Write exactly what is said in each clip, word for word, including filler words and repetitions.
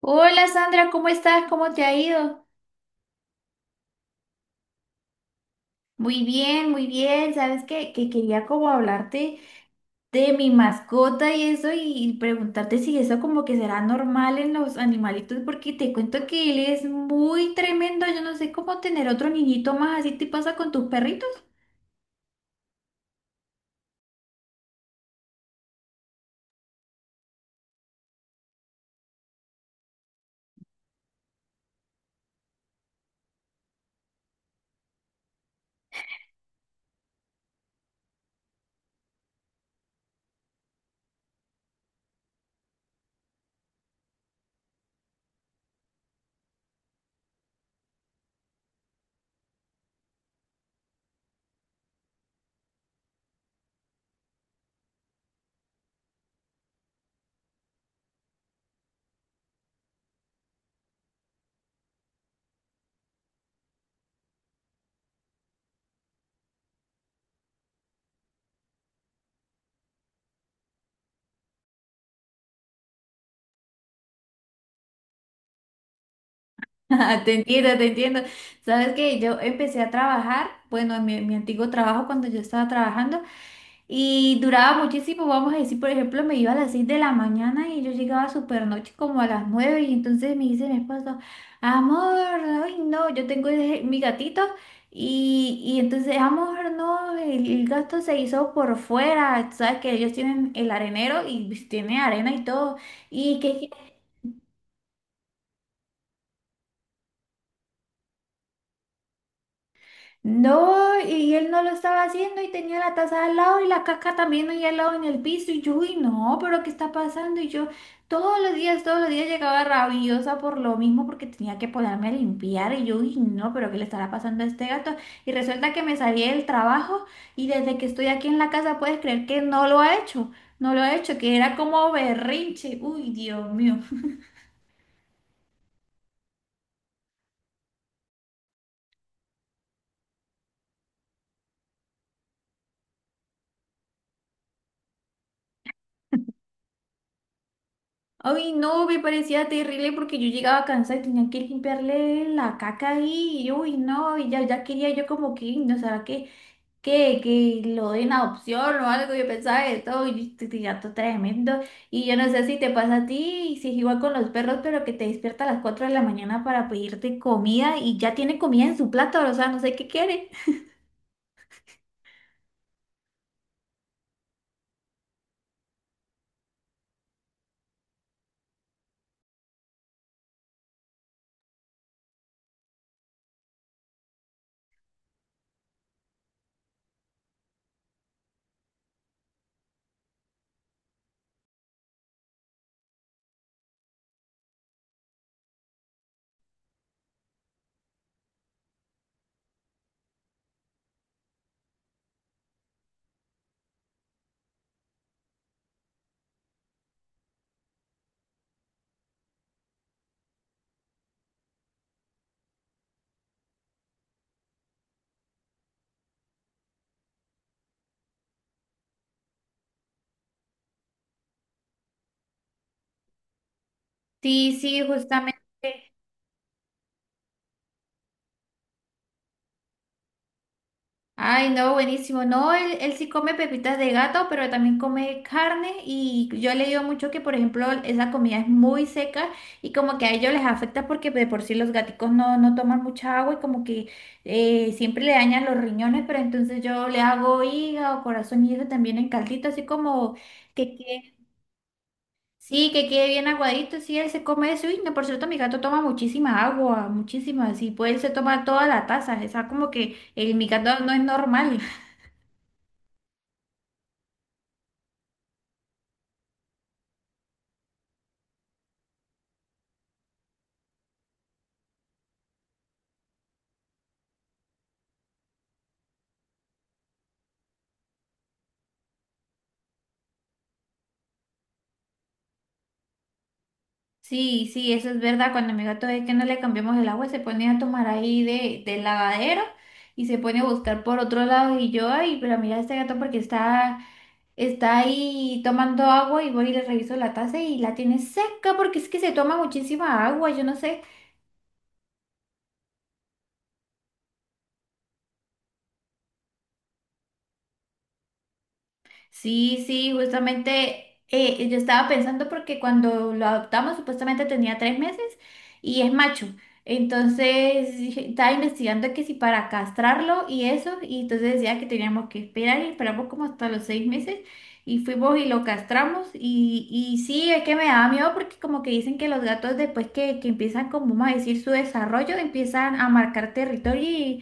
Hola Sandra, ¿cómo estás? ¿Cómo te ha ido? Muy bien, muy bien. Sabes que, que quería como hablarte de mi mascota y eso y preguntarte si eso como que será normal en los animalitos porque te cuento que él es muy tremendo. Yo no sé cómo tener otro niñito más. ¿Así te pasa con tus perritos? Te entiendo, te entiendo. Sabes que yo empecé a trabajar, bueno, en mi, en mi antiguo trabajo cuando yo estaba trabajando y duraba muchísimo, vamos a decir, por ejemplo, me iba a las seis de la mañana y yo llegaba súper noche como a las nueve y entonces me dice mi esposo, amor, ay no, yo tengo ese- mi gatito y, y entonces, amor, no, el, el gato se hizo por fuera, sabes que ellos tienen el arenero y tiene arena y todo. Y que no, y él no lo estaba haciendo y tenía la taza al lado y la caca también ahí al lado en el piso y yo, uy, no, pero ¿qué está pasando? Y yo todos los días, todos los días llegaba rabiosa por lo mismo porque tenía que ponerme a limpiar y yo, uy, no, pero ¿qué le estará pasando a este gato? Y resulta que me salí del trabajo y desde que estoy aquí en la casa puedes creer que no lo ha hecho, no lo ha hecho, que era como berrinche, uy, Dios mío. Ay, no, me parecía terrible porque yo llegaba cansada y tenía que limpiarle la caca ahí. Y, uy, no, y ya, ya quería yo como que, no sé que, que, que lo den a adopción o algo. Yo pensaba esto, y yo tenía todo tremendo. Y yo no sé si te pasa a ti, y si es igual con los perros, pero que te despierta a las cuatro de la mañana para pedirte comida y ya tiene comida en su plato, o sea, no sé qué quiere. Sí, sí, justamente. Ay, no, buenísimo. No, él, él sí come pepitas de gato, pero también come carne y yo he leído mucho que, por ejemplo, esa comida es muy seca y como que a ellos les afecta porque de por sí los gaticos no, no toman mucha agua y como que eh, siempre le dañan los riñones, pero entonces yo le hago hígado, corazón y eso también en caldito, así como que quede, sí, que quede bien aguadito, sí, él se come eso. Y no, por cierto, mi gato toma muchísima agua, muchísima, sí, pues él se toma toda la taza, o sea, como que el, mi gato no es normal. Sí, sí, eso es verdad. Cuando mi gato es que no le cambiamos el agua, se pone a tomar ahí de, del lavadero y se pone a buscar por otro lado. Y yo, ay, pero mira este gato porque está, está ahí tomando agua y voy y le reviso la taza y la tiene seca porque es que se toma muchísima agua. Yo no sé. Sí, sí, justamente eh, yo estaba pensando porque cuando lo adoptamos supuestamente tenía tres meses y es macho. Entonces dije- estaba investigando que si para castrarlo y eso, y entonces decía que teníamos que esperar y esperamos como hasta los seis meses y fuimos y lo castramos y, y sí, es que me daba miedo porque como que dicen que los gatos después que, que empiezan como vamos a decir su desarrollo empiezan a marcar territorio.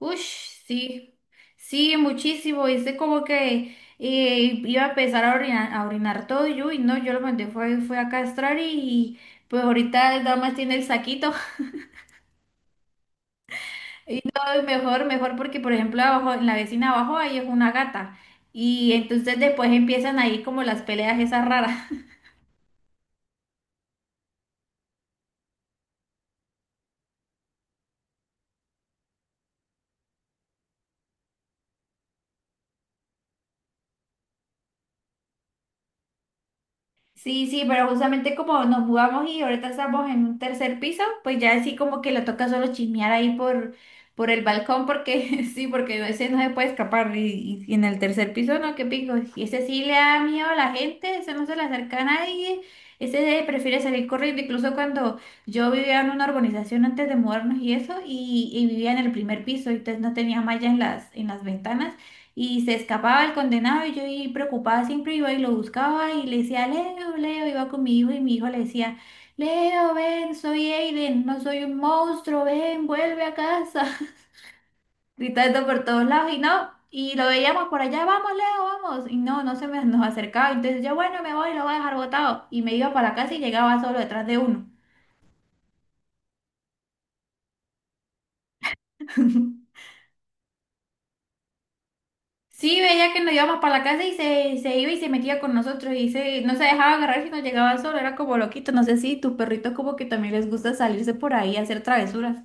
Ush, sí, sí, muchísimo. Hice como que eh, iba a empezar a orinar, a orinar todo y yo, y no, yo lo mandé, fue, fue a castrar y, y, pues ahorita nada más tiene el saquito. Ay, mejor, mejor porque por ejemplo abajo, en la vecina abajo ahí es una gata y entonces después empiezan ahí como las peleas esas raras. Sí, sí, pero justamente como nos mudamos y ahorita estamos en un tercer piso, pues ya así como que le toca solo chismear ahí por, por el balcón, porque sí, porque ese no se puede escapar. Y, y en el tercer piso, no, qué pico. Y ese sí le da miedo a la gente, ese no se le acerca a nadie, ese prefiere salir corriendo. Incluso cuando yo vivía en una urbanización antes de mudarnos y eso, y, y vivía en el primer piso, entonces no tenía malla en las, en las ventanas. Y se escapaba el condenado y yo ahí preocupada siempre iba y lo buscaba y le decía, Leo, Leo, iba con mi hijo y mi hijo le decía, Leo, ven, soy Aiden, no soy un monstruo, ven, vuelve a casa. Gritando por todos lados y no, y lo veíamos por allá, vamos, Leo, vamos, y no, no se me, nos acercaba, entonces yo, bueno, me voy, lo voy a dejar botado y me iba para la casa y llegaba solo detrás de uno. Sí, veía que nos íbamos para la casa y se, se iba y se metía con nosotros y se, no se dejaba agarrar si nos llegaba solo, era como loquito. No sé si tus perritos como que también les gusta salirse por ahí a hacer travesuras.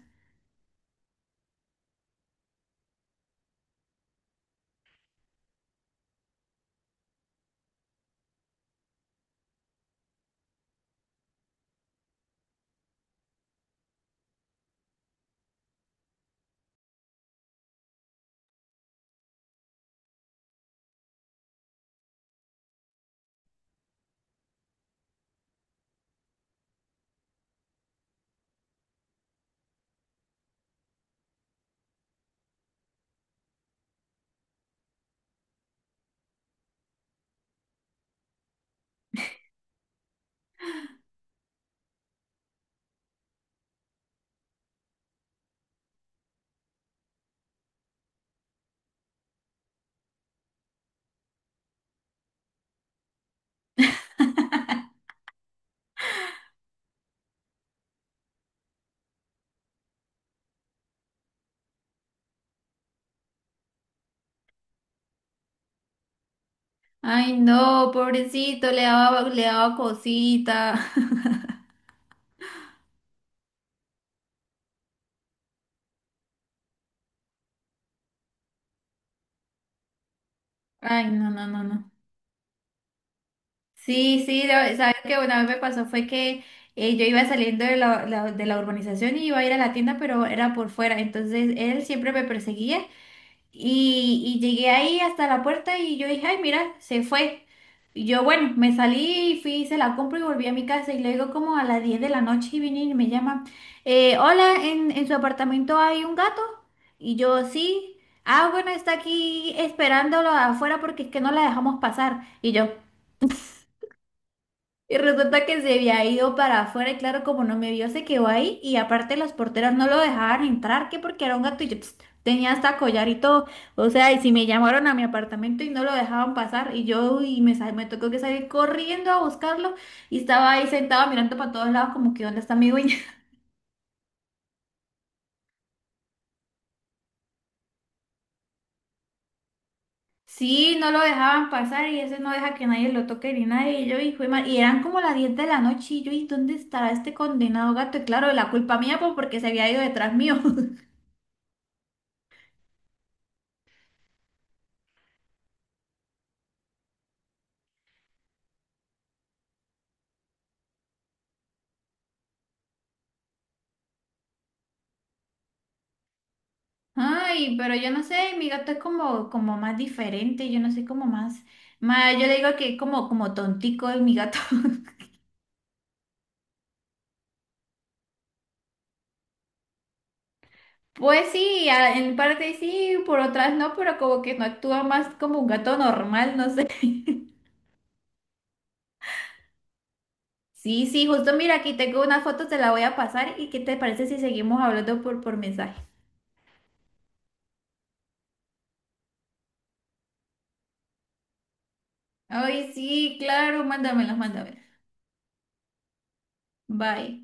Ay, no, pobrecito, le daba, le daba cosita. Ay, no, no, no, no. Sí, sí, de- sabes que una vez me pasó fue que eh, yo iba saliendo de la, la- de la urbanización y iba a ir a la tienda, pero era por fuera, entonces él siempre me perseguía y, y llegué ahí hasta la puerta y yo dije, ay, mira, se fue. Y yo, bueno, me salí y fui, hice la compra y volví a mi casa y luego como a las diez de la noche y vine y me llama, eh, hola, en, en su apartamento hay un gato y yo sí. Ah, bueno, está aquí esperándolo afuera porque es que no la dejamos pasar. Y yo, y resulta que se había ido para afuera y claro, como no me vio, se quedó ahí y aparte las porteras no lo dejaban entrar, que porque era un gato y yo pst, tenía hasta collar y todo. O sea, y si me llamaron a mi apartamento y no lo dejaban pasar y yo y me, sal- me tocó que salir corriendo a buscarlo y estaba ahí sentado mirando para todos lados como que ¿dónde está mi dueña? Sí, no lo dejaban pasar y ese no deja que nadie lo toque ni nadie. Y yo, hijo de ma- y eran como las diez de la noche y yo, ¿y dónde estará este condenado gato? Y claro, la culpa mía pues porque se había ido detrás mío. Ay, pero yo no sé, mi gato es como, como más diferente, yo no sé, como más, más, yo le digo que es como, como tontico es mi gato. Pues sí, a- en parte sí, por otras no, pero como que no actúa más como un gato normal, no sé. Sí, sí, justo mira, aquí tengo una foto, te la voy a pasar y ¿qué te parece si seguimos hablando por, por mensaje? Ay, sí, claro, mándamelas, mándamelas. Bye.